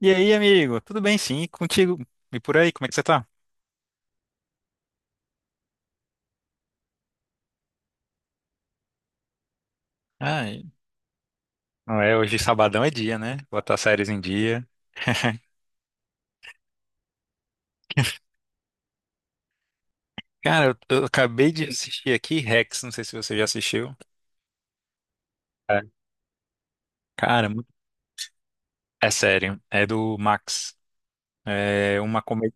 E aí, amigo? Tudo bem, sim? E contigo? E por aí, como é que você tá? Ai, não é, hoje sabadão é dia, né? Botar séries em dia. Cara, eu acabei de assistir aqui Rex, não sei se você já assistiu. É. Cara, muito- é sério, é do Max. É uma comédia.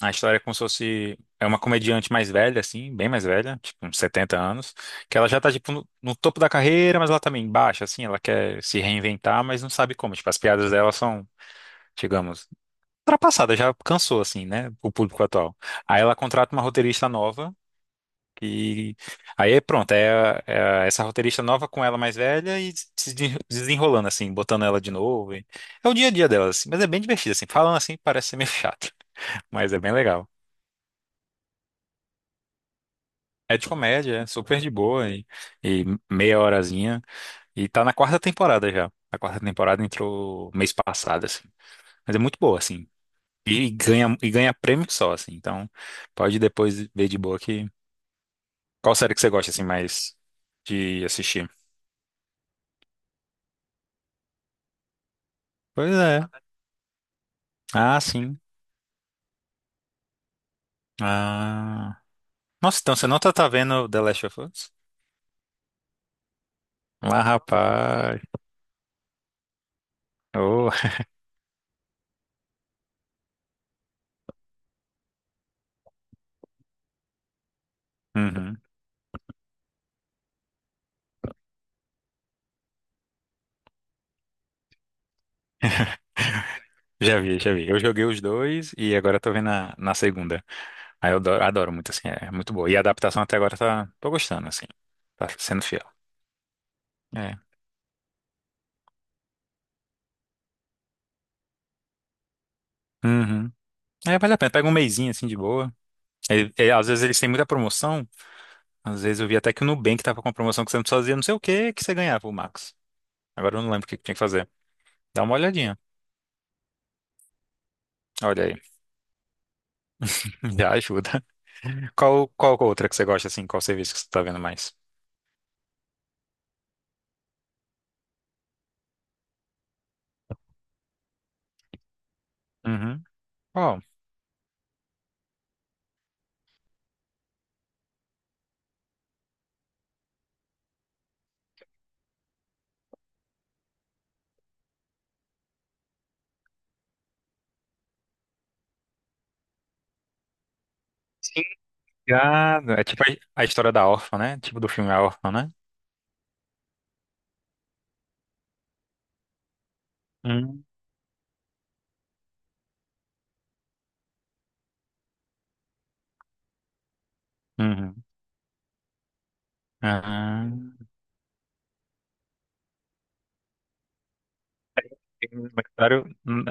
A história é como se fosse. É uma comediante mais velha, assim, bem mais velha, tipo uns 70 anos, que ela já tá, tipo, no topo da carreira, mas ela também baixa, assim, ela quer se reinventar, mas não sabe como. Tipo, as piadas dela são, digamos, ultrapassada, já cansou, assim, né? O público atual. Aí ela contrata uma roteirista nova, que aí é pronto, é essa roteirista nova com ela mais velha e se desenrolando, assim, botando ela de novo. É o dia a dia dela, assim, mas é bem divertido, assim. Falando assim, parece ser meio chato, mas é bem legal. É de comédia, é super de boa e meia horazinha. E tá na quarta temporada já. A quarta temporada entrou mês passado, assim. Mas é muito boa, assim. E ganha prêmio só, assim. Então, pode depois ver de boa que qual série que você gosta assim mais de assistir? Pois é. Ah, sim. Ah. Nossa, então você não tá, tá vendo The Last of Us? Ah, rapaz. Oh. Uhum. Já vi, já vi. Eu joguei os dois e agora tô vendo a, na segunda. Aí eu adoro, adoro muito, assim, é muito boa. E a adaptação até agora tá, tô gostando, assim. Tá sendo fiel. É. Uhum. É, vale a pena. Pega um mesinho, assim, de boa. E às vezes eles têm muita promoção. Às vezes eu vi até que o Nubank tava com uma promoção que você fazia não sei o que que você ganhava, o Max. Agora eu não lembro o que que tinha que fazer. Dá uma olhadinha. Olha aí. Já ajuda. Qual, qual outra que você gosta, assim? Qual serviço que você tá vendo mais? Uhum. Qual? Obrigado. É tipo a história da órfã, né? Tipo do filme A Órfã, né? Uhum. Uhum. Ah, tem um documentário- Hum.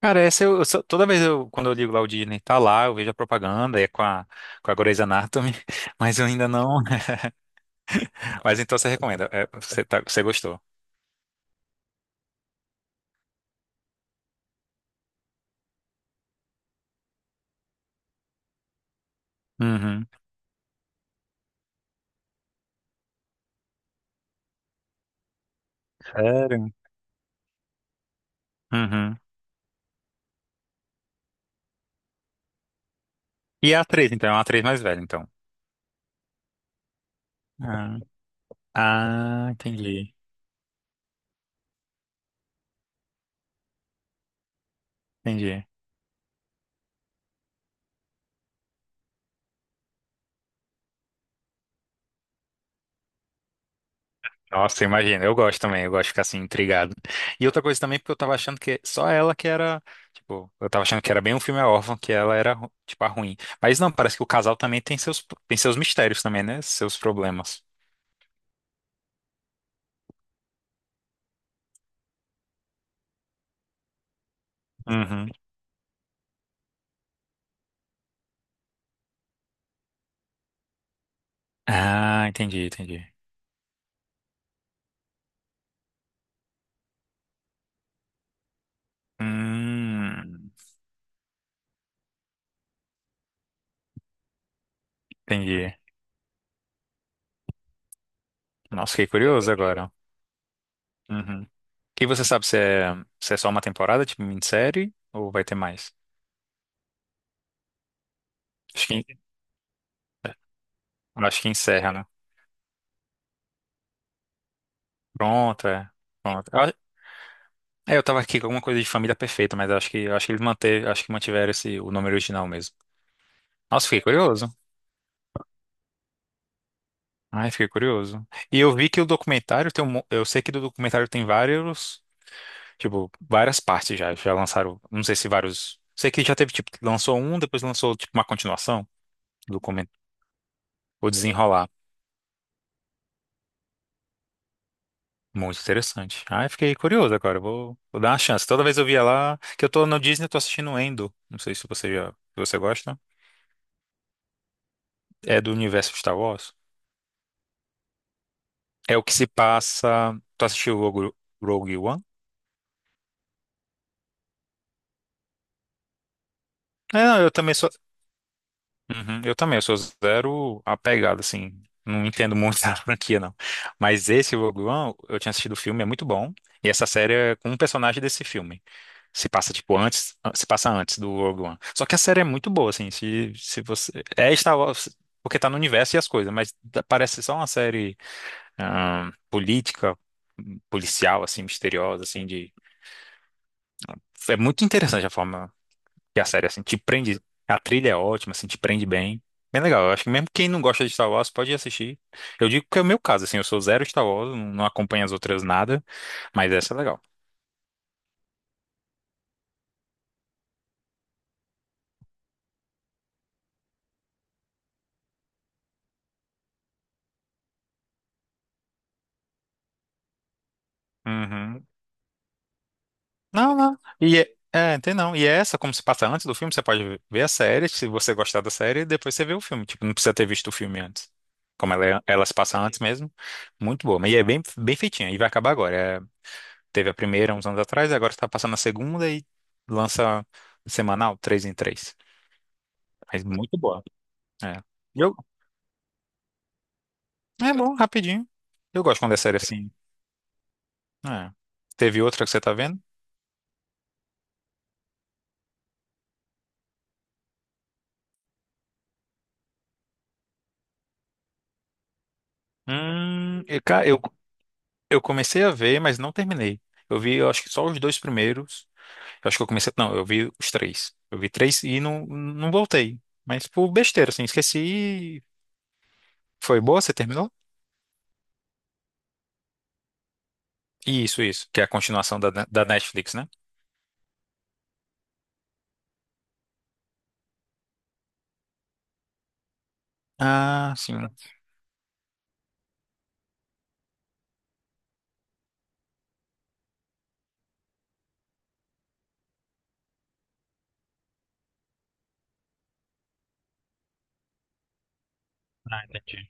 Cara, essa eu só- toda vez eu, quando eu ligo lá o Disney, tá lá, eu vejo a propaganda, é com a, Grey's Anatomy, mas eu ainda não. Mas então você recomenda, é, você, você gostou. Uhum. Sério? Uhum. E a atriz, então, é uma atriz mais velha, então. Ah, entendi. Entendi. Nossa, imagina. Eu gosto também, eu gosto de ficar assim, intrigado. E outra coisa também, porque eu tava achando que só ela que era. Tipo, eu tava achando que era bem um filme órfão, que ela era, tipo, a ruim. Mas não, parece que o casal também tem seus mistérios também, né? Seus problemas. Uhum. Ah, entendi, entendi. Hum, entendi. Nossa, fiquei curioso agora. Uhum. E você sabe se é, se é só uma temporada, tipo minissérie, ou vai ter mais? Acho que, acho que encerra, né? Pronto, é. Pronto. Eu é, eu tava aqui com alguma coisa de família perfeita, mas acho que eu acho que eles manter, acho que mantiveram esse o nome original mesmo. Nossa, fiquei curioso. Ai, fiquei curioso. E eu vi que o documentário tem um, eu sei que do documentário tem vários, tipo, várias partes já, já lançaram, não sei se vários, sei que já teve tipo, lançou um, depois lançou tipo uma continuação do documentário, o desenrolar. Muito interessante. Ai, fiquei curioso agora, vou dar uma chance. Toda vez eu via lá, que eu tô no Disney, eu tô assistindo Endo. Não sei se você já, se você gosta. É do universo Star Wars. É o que se passa. Tu assistiu Rogue One? É, não, eu também sou. Uhum, eu também, eu sou zero apegado, assim. Não entendo muito da franquia, não. Mas esse Rogue One, eu tinha assistido o filme, é muito bom. E essa série é com um personagem desse filme. Se passa, tipo, antes. Se passa antes do Rogue One. Só que a série é muito boa, assim. Se você. É Star Wars, porque tá no universo e as coisas, mas parece só uma série ah, política, policial, assim, misteriosa, assim, de. É muito interessante a forma que a série, assim, te prende. A trilha é ótima, assim, te prende bem. Bem legal. Eu acho que mesmo quem não gosta de Star Wars pode assistir. Eu digo que é o meu caso, assim, eu sou zero Star Wars, não acompanho as outras nada, mas essa é legal. Uhum. Não, não. E tem não. E é essa, como se passa antes do filme, você pode ver a série, se você gostar da série, e depois você vê o filme. Tipo, não precisa ter visto o filme antes. Como ela, é- ela se passa antes mesmo. Muito boa. Mas e é bem, bem feitinha. E vai acabar agora. É, teve a primeira uns anos atrás, e agora está passando a segunda e lança semanal, três em três. Mas muito boa. É. E eu, é bom, rapidinho. Eu gosto quando é série assim. É. Teve outra que você tá vendo? Eu, ca- eu comecei a ver, mas não terminei. Eu vi, eu acho que só os dois primeiros. Eu acho que eu comecei. Não, eu vi os três. Eu vi três e não voltei. Mas por besteira, assim, esqueci. E foi boa? Você terminou? Isso, isso. Que é a continuação da Netflix, né? Ah, sim. Ah, entendi.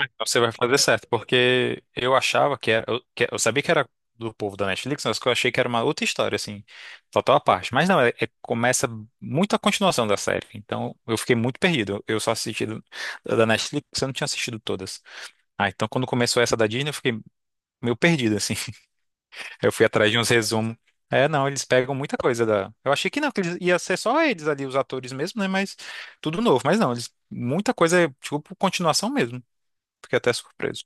Então você vai fazer certo, porque eu achava que era. Eu sabia que era do povo da Netflix, mas que eu achei que era uma outra história, assim, total à parte. Mas não, começa muito a continuação da série. Então eu fiquei muito perdido. Eu só assisti da Netflix, eu não tinha assistido todas. Ah, então quando começou essa da Disney, eu fiquei meio perdido, assim. Eu fui atrás de uns resumos. É, não, eles pegam muita coisa da. Eu achei que não, que eles, ia ser só eles ali, os atores mesmo, né? Mas tudo novo. Mas não, eles, muita coisa é tipo continuação mesmo. Fiquei até surpreso.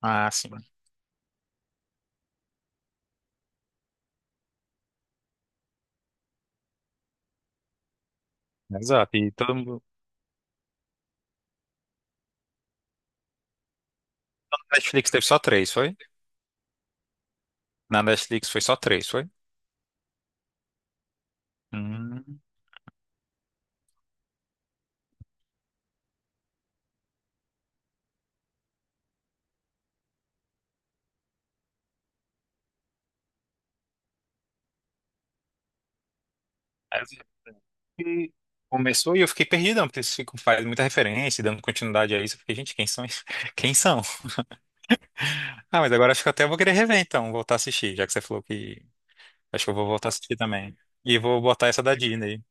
Ah, sim. Exato. E todo mundo. Na Netflix teve só três, foi? Na Netflix foi só três, foi? Hum. Aí eu fiquei- Começou e eu fiquei perdidão, porque eles ficam fazendo muita referência, e dando continuidade a isso. Eu fiquei, gente, quem são? Quem são? Ah, mas agora acho que até eu vou querer rever, então, voltar a assistir, já que você falou que. Acho que eu vou voltar a assistir também. E vou botar essa da Disney.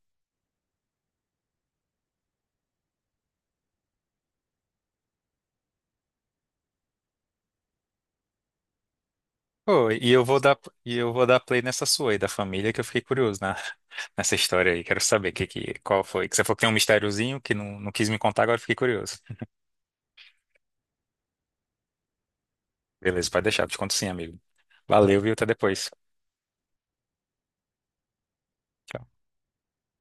Pô, e eu vou dar play nessa sua aí, da família, que eu fiquei curioso na, nessa história aí. Quero saber qual foi. Que você falou que tem um mistériozinho que não quis me contar, agora eu fiquei curioso. Beleza, pode deixar. Te conto sim, amigo. Valeu, viu? Até depois. Tchau.